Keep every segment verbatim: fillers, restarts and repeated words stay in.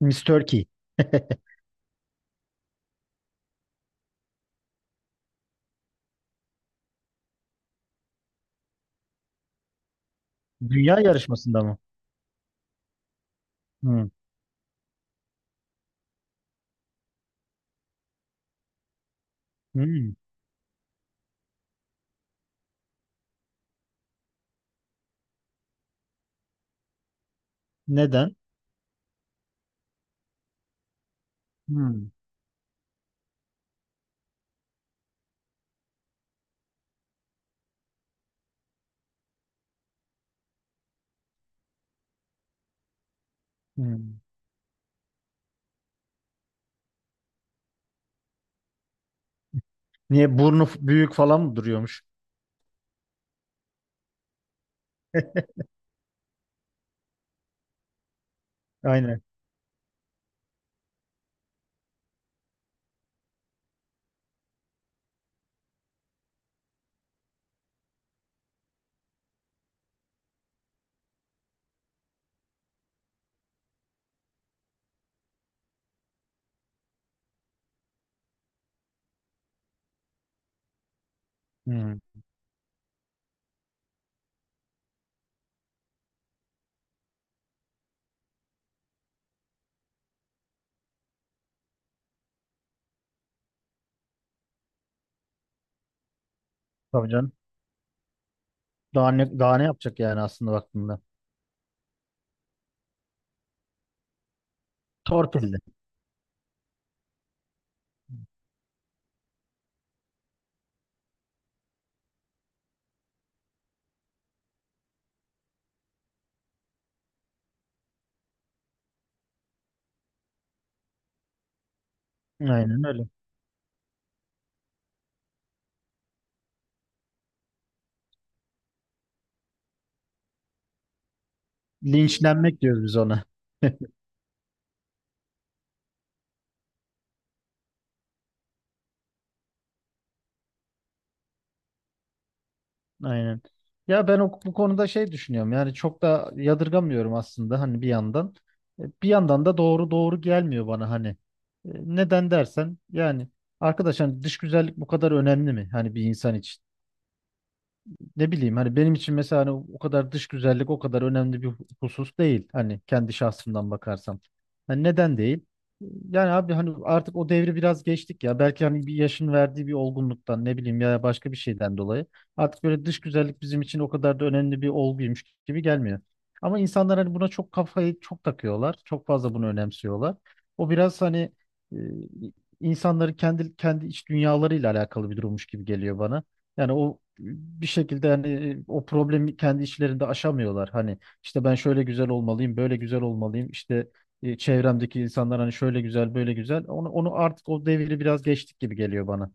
Miss Turkey. Dünya yarışmasında mı? Hmm. Hmm. Neden? Hmm. Hmm. Niye burnu f- büyük falan mı duruyormuş? Aynen. Hmm. Tabii canım. Daha ne, daha ne yapacak yani aslında baktığında? Torpilli. Aynen öyle. Linçlenmek diyoruz biz ona. Aynen. Ya ben o, bu konuda şey düşünüyorum. Yani çok da yadırgamıyorum aslında hani bir yandan. E, Bir yandan da doğru doğru gelmiyor bana hani. E, Neden dersen yani arkadaş hani dış güzellik bu kadar önemli mi? Hani bir insan için ne bileyim hani benim için mesela hani o kadar dış güzellik o kadar önemli bir hu- husus değil. Hani kendi şahsımdan bakarsam. Hani neden değil? Yani abi hani artık o devri biraz geçtik ya. Belki hani bir yaşın verdiği bir olgunluktan ne bileyim ya başka bir şeyden dolayı. Artık böyle dış güzellik bizim için o kadar da önemli bir olguymuş gibi gelmiyor. Ama insanlar hani buna çok kafayı çok takıyorlar. Çok fazla bunu önemsiyorlar. O biraz hani e, insanların kendi kendi iç dünyalarıyla alakalı bir durummuş gibi geliyor bana. Yani o bir şekilde hani o problemi kendi içlerinde aşamıyorlar. Hani işte ben şöyle güzel olmalıyım, böyle güzel olmalıyım. İşte e, çevremdeki insanlar hani şöyle güzel, böyle güzel. Onu, onu artık o devri biraz geçtik gibi geliyor bana.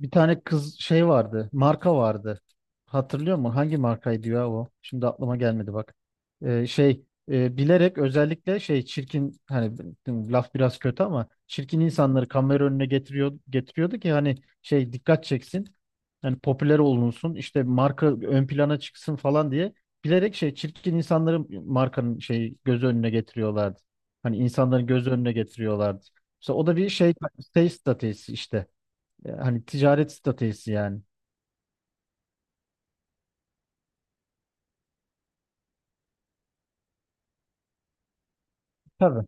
Bir tane kız şey vardı. Marka vardı. Hatırlıyor musun? Hangi markaydı ya o? Şimdi aklıma gelmedi bak. Ee, şey e, bilerek özellikle şey çirkin hani laf biraz kötü ama çirkin insanları kamera önüne getiriyor getiriyordu ki hani şey dikkat çeksin. Yani popüler olunsun işte marka ön plana çıksın falan diye bilerek şey çirkin insanları markanın şey göz önüne getiriyorlardı. Hani insanların göz önüne getiriyorlardı. Mesela o da bir şey şey stratejisi işte. Ya hani ticaret stratejisi yani. Tabii.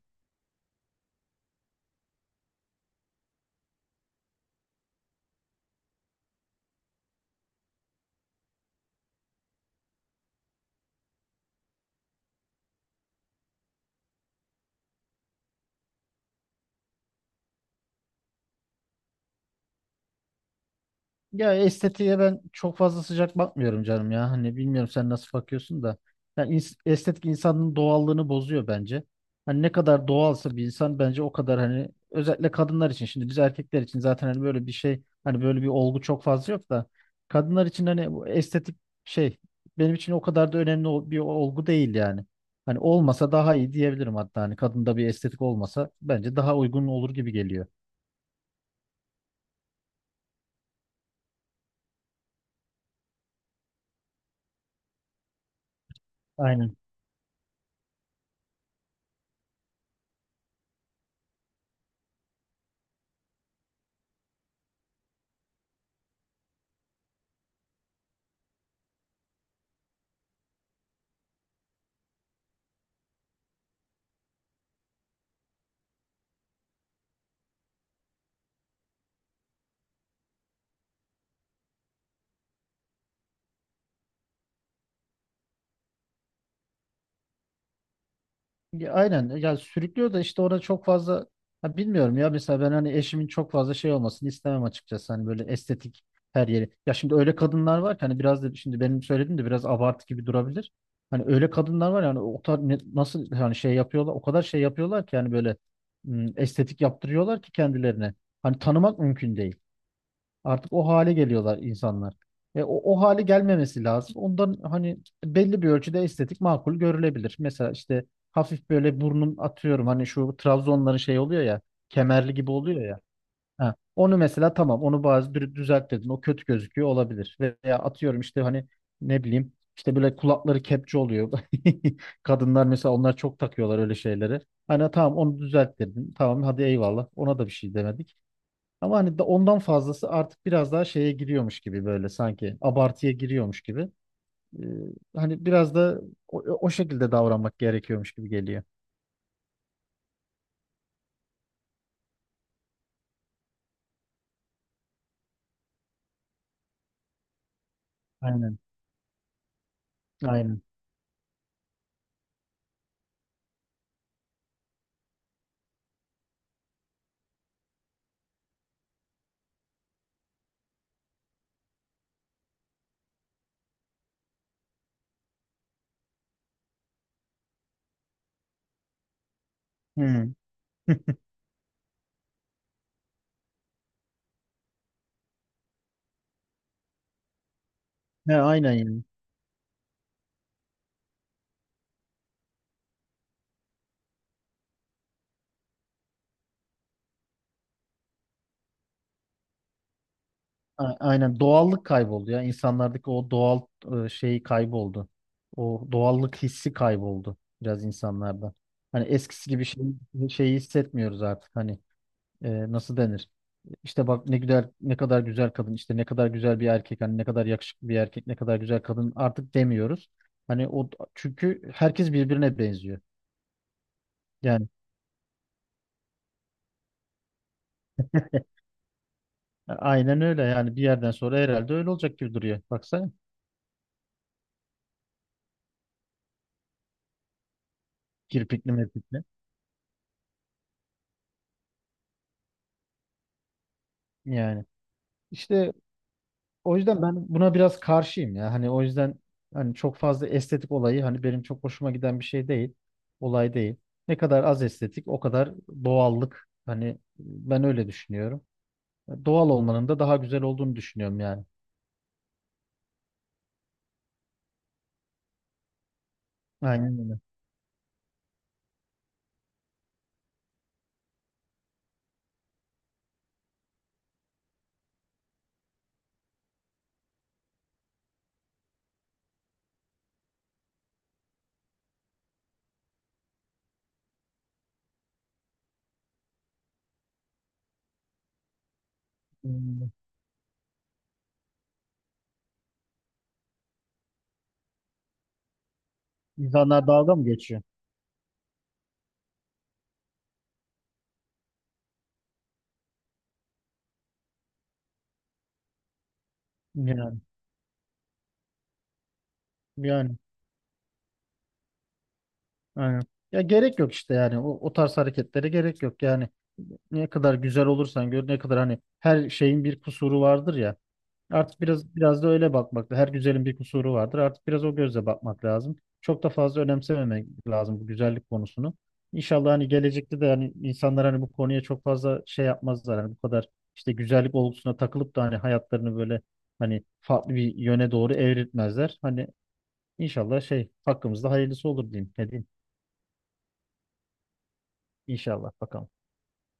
Ya estetiğe ben çok fazla sıcak bakmıyorum canım ya. Hani bilmiyorum sen nasıl bakıyorsun da. Yani ins- estetik insanın doğallığını bozuyor bence. Hani ne kadar doğalsa bir insan bence o kadar hani özellikle kadınlar için. Şimdi biz erkekler için zaten hani böyle bir şey hani böyle bir olgu çok fazla yok da kadınlar için hani bu estetik şey benim için o kadar da önemli ol- bir olgu değil yani. Hani olmasa daha iyi diyebilirim hatta hani kadında bir estetik olmasa bence daha uygun olur gibi geliyor. Aynen. Ya aynen ya sürüklüyor da işte ona çok fazla ha bilmiyorum ya mesela ben hani eşimin çok fazla şey olmasını istemem açıkçası hani böyle estetik her yeri. Ya şimdi öyle kadınlar var ki hani biraz da şimdi benim söylediğim de biraz abartı gibi durabilir. Hani öyle kadınlar var yani o kadar ne- nasıl hani şey yapıyorlar o kadar şey yapıyorlar ki yani böyle m, estetik yaptırıyorlar ki kendilerine. Hani tanımak mümkün değil. Artık o hale geliyorlar insanlar. Ve o, o hale gelmemesi lazım. Ondan hani belli bir ölçüde estetik makul görülebilir. Mesela işte hafif böyle burnun atıyorum hani şu Trabzonların şey oluyor ya kemerli gibi oluyor ya. Ha, onu mesela tamam onu bazı dü- düzelt dedin o kötü gözüküyor olabilir. Veya atıyorum işte hani ne bileyim işte böyle kulakları kepçe oluyor. Kadınlar mesela onlar çok takıyorlar öyle şeyleri. Hani tamam onu düzelt dedin. Tamam hadi eyvallah. Ona da bir şey demedik. Ama hani da- ondan fazlası artık biraz daha şeye giriyormuş gibi böyle sanki abartıya giriyormuş gibi. Ee, hani biraz da o, o şekilde davranmak gerekiyormuş gibi geliyor. Aynen, aynen. Hı. Ne aynen yani. A- Aynen doğallık kayboldu ya insanlardaki o doğal e, şeyi kayboldu. O doğallık hissi kayboldu biraz insanlarda. Hani eskisi gibi şey, şeyi hissetmiyoruz artık hani e, nasıl denir? İşte bak ne güzel ne kadar güzel kadın işte ne kadar güzel bir erkek hani ne kadar yakışıklı bir erkek ne kadar güzel kadın artık demiyoruz. Hani o çünkü herkes birbirine benziyor. Yani aynen öyle yani bir yerden sonra herhalde öyle olacak gibi duruyor. Baksana kirpikli mirpikli. Yani işte o yüzden ben buna biraz karşıyım ya. Hani o yüzden hani çok fazla estetik olayı hani benim çok hoşuma giden bir şey değil. Olay değil. Ne kadar az estetik o kadar doğallık. Hani ben öyle düşünüyorum. Doğal olmanın da daha güzel olduğunu düşünüyorum yani. Aynen öyle. Aynen. İnsanlar dalga mı geçiyor? Yani yani aynen. Ya gerek yok işte yani o, o tarz hareketlere gerek yok yani. Ne kadar güzel olursan gör ne kadar hani her şeyin bir kusuru vardır ya. Artık biraz biraz da öyle bakmak. Her güzelin bir kusuru vardır. Artık biraz o gözle bakmak lazım. Çok da fazla önemsememek lazım bu güzellik konusunu. İnşallah hani gelecekte de hani insanlar hani bu konuya çok fazla şey yapmazlar. Hani bu kadar işte güzellik olgusuna takılıp da hani hayatlarını böyle hani farklı bir yöne doğru evriltmezler. Hani inşallah şey hakkımızda hayırlısı olur diyeyim. Ne diyeyim? İnşallah bakalım.